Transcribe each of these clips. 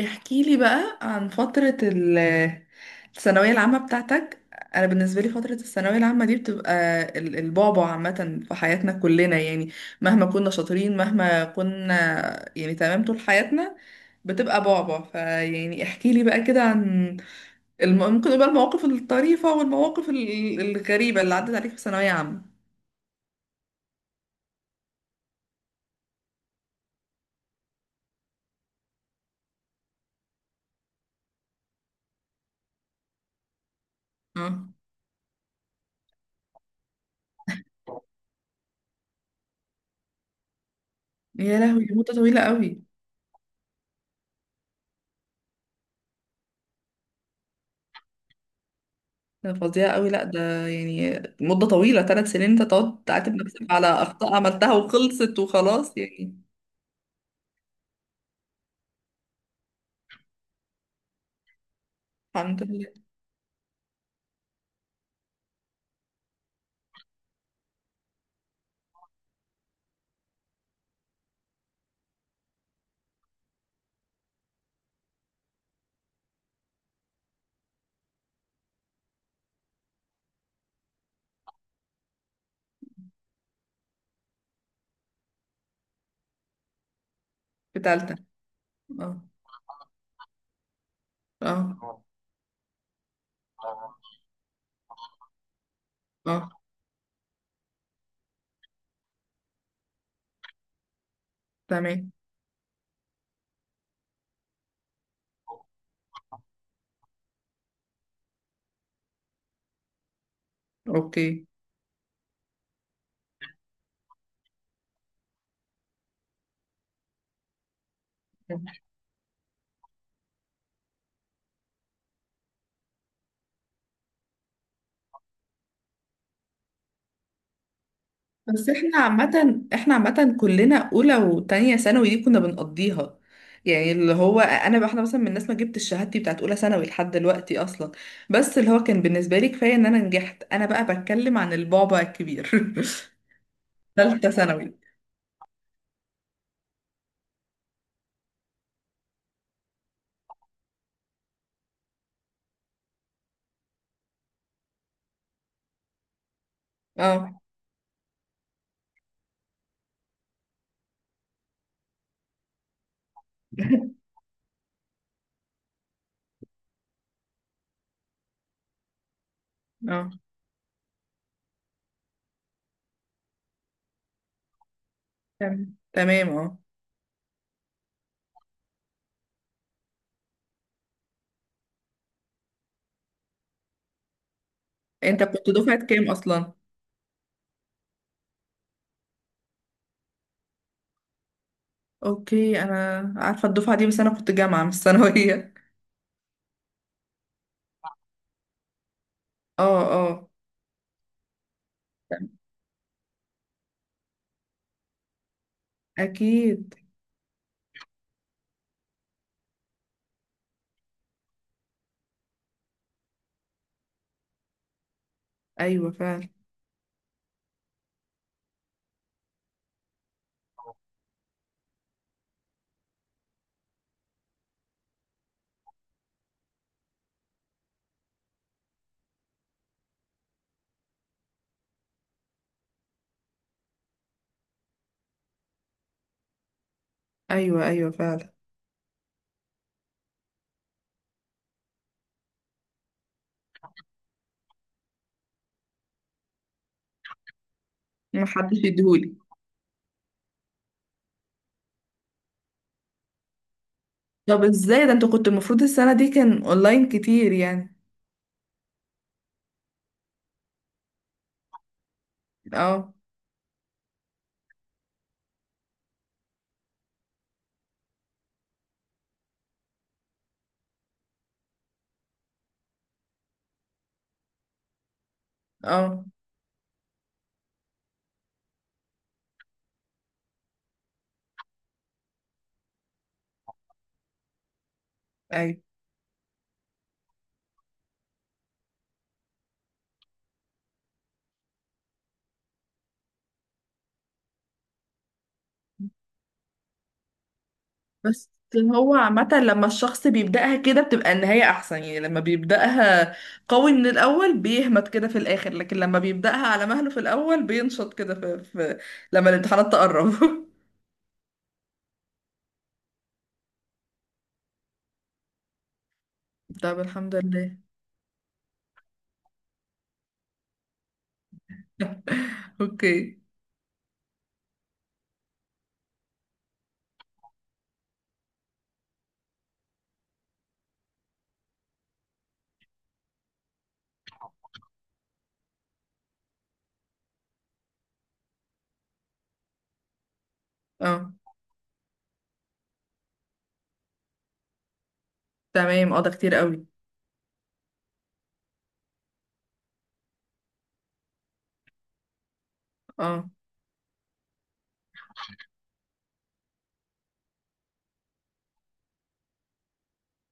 احكي لي بقى عن فترة الثانوية العامة بتاعتك. أنا بالنسبة لي فترة الثانوية العامة دي بتبقى البعبع عامة في حياتنا كلنا، يعني مهما كنا شاطرين، مهما كنا يعني تمام طول حياتنا بتبقى بعبع. فيعني احكي لي بقى كده عن ممكن يبقى المواقف الطريفة والمواقف الغريبة اللي عدت عليك في ثانوية عامة. اه. يا لهوي، دي مدة طويلة قوي. ده فظيع قوي، لا ده يعني مدة طويلة، ثلاث سنين انت تقعد تعاتب نفسك على أخطاء عملتها وخلصت وخلاص يعني. الحمد لله. في تالتة. اه. اه. اه. تمام. اوكي. بس احنا عامة، احنا عامة كلنا أولى وتانية ثانوي دي كنا بنقضيها، يعني اللي هو احنا مثلا من الناس ما جبتش شهادتي بتاعت اولى ثانوي لحد دلوقتي اصلا. بس اللي هو كان بالنسبه لي كفايه ان انا نجحت. انا بقى بتكلم عن البعبع الكبير، ثالثه ثانوي. اه. اه، تمام تمام اه. انت كنت دفعة كام اصلا؟ اوكي، انا عارفة الدفعة دي، بس انا كنت جامعة مش ثانوية. اه اه. تمام. اكيد. ايوه فعلا. ايوه ايوه فعلا. ما حدش يديهولي. طب ازاي ده، انت كنت المفروض السنة دي كان اونلاين كتير يعني. اه. اه. ايوه. بس هو عامة لما الشخص بيبدأها كده بتبقى النهاية أحسن، يعني لما بيبدأها قوي من الأول بيهمت كده في الآخر، لكن لما بيبدأها على مهله في الأول بينشط كده في لما الامتحانات تقرب. طب الحمد لله. أوكي. اه تمام اه، ده كتير قوي. اه،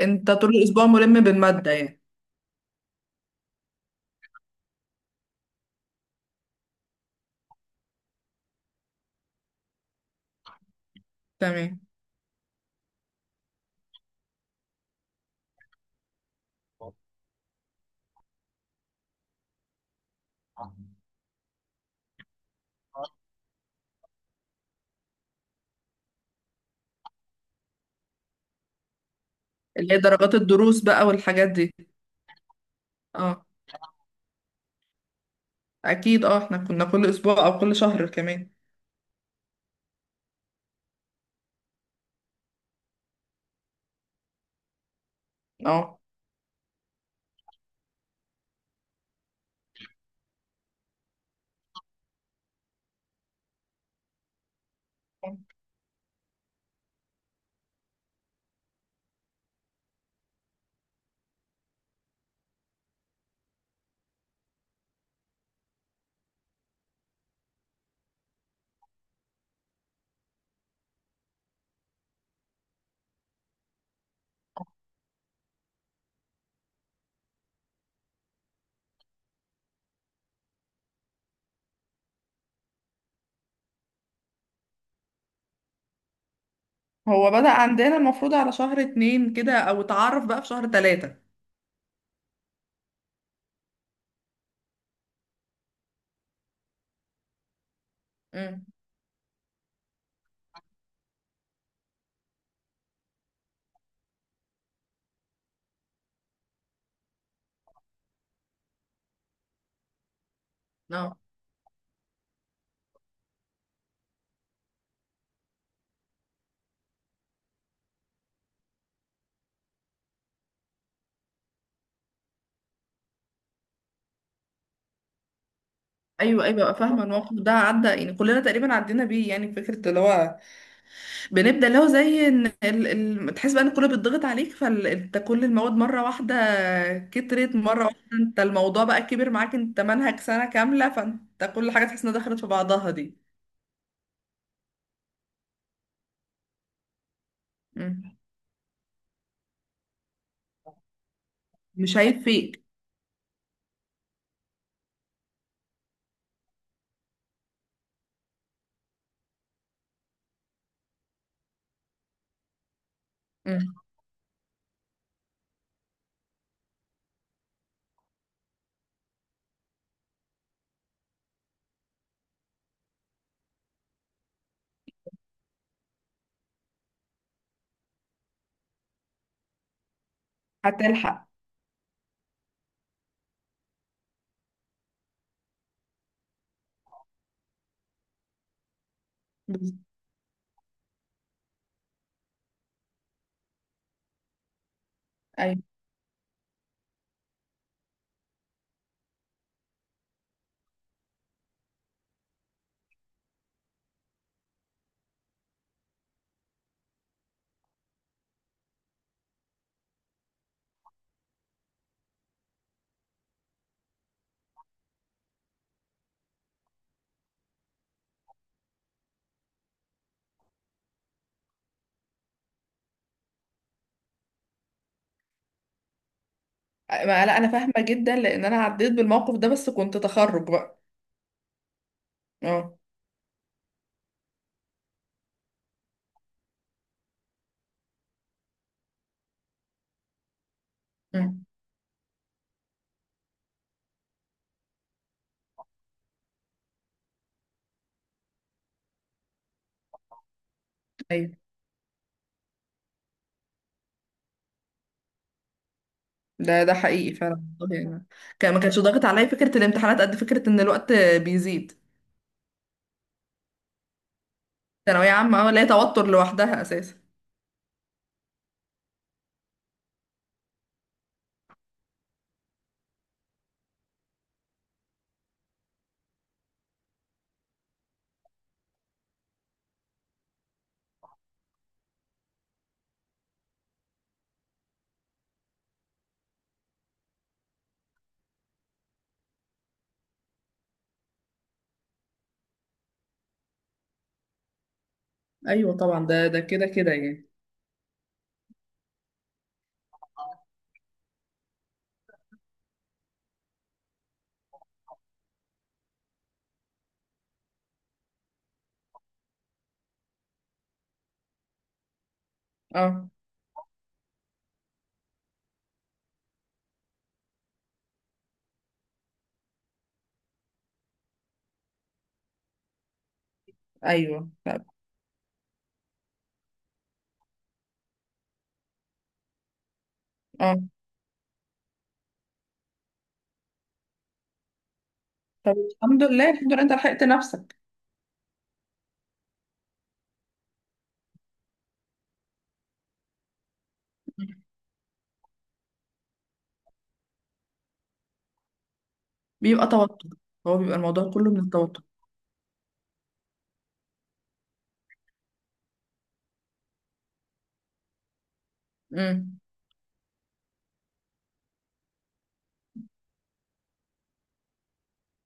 انت طول الأسبوع ملم بالمادة يعني. تمام. اللي هي درجات الدروس بقى والحاجات دي. اه. أكيد اه، احنا كنا كل أسبوع أو كل شهر كمان. اه. هو بدأ عندنا المفروض على شهر اتنين كده او اتعرف بقى في شهر تلاتة. امم. اه. ايوه ايوه، بقى فاهمه الموقف ده، عدى يعني كلنا تقريبا عدينا بيه، يعني فكره اللي هو بنبدا اللي هو زي ان تحس بقى ان كله بيتضغط عليك، فانت كل المواد مره واحده كترت مره واحده، انت الموضوع بقى كبر معاك، انت منهج سنه كامله فانت كل حاجه تحس انها دخلت في بعضها دي. امم. مش عيب فيك. امم. هتلحق. بز- ايوه. لا انا فاهمه جدا لان انا عديت بالموقف ده، بس كنت تخرج بقى. اه. أمم. ايوه. ده ده حقيقي فعلا والله يعني. كان ما كانش ضاغط عليا فكره الامتحانات قد فكره ان الوقت بيزيد. ثانويه عامه اه، لا توتر لوحدها اساسا. ايوه طبعا، ده ده كده كده يعني. اه. ايوه. طب. اه. طب الحمد لله، الحمد لله انت لحقت نفسك. مم. بيبقى توتر، هو بيبقى الموضوع كله من التوتر. امم.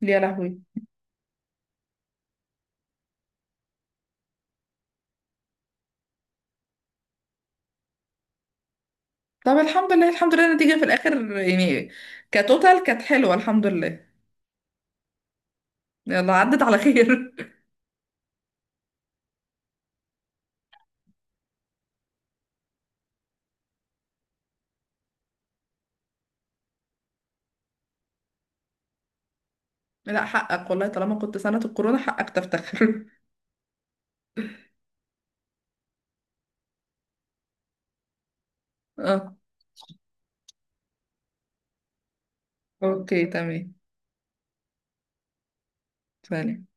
يا لهوي. طب الحمد لله، الحمد لله النتيجه في الاخر يعني كتوتال كانت حلوه، الحمد لله. يلا عدت على خير. لا حقك والله، طالما كنت سنة الكورونا حقك تفتخر. اه. اوكي تمام. سلام.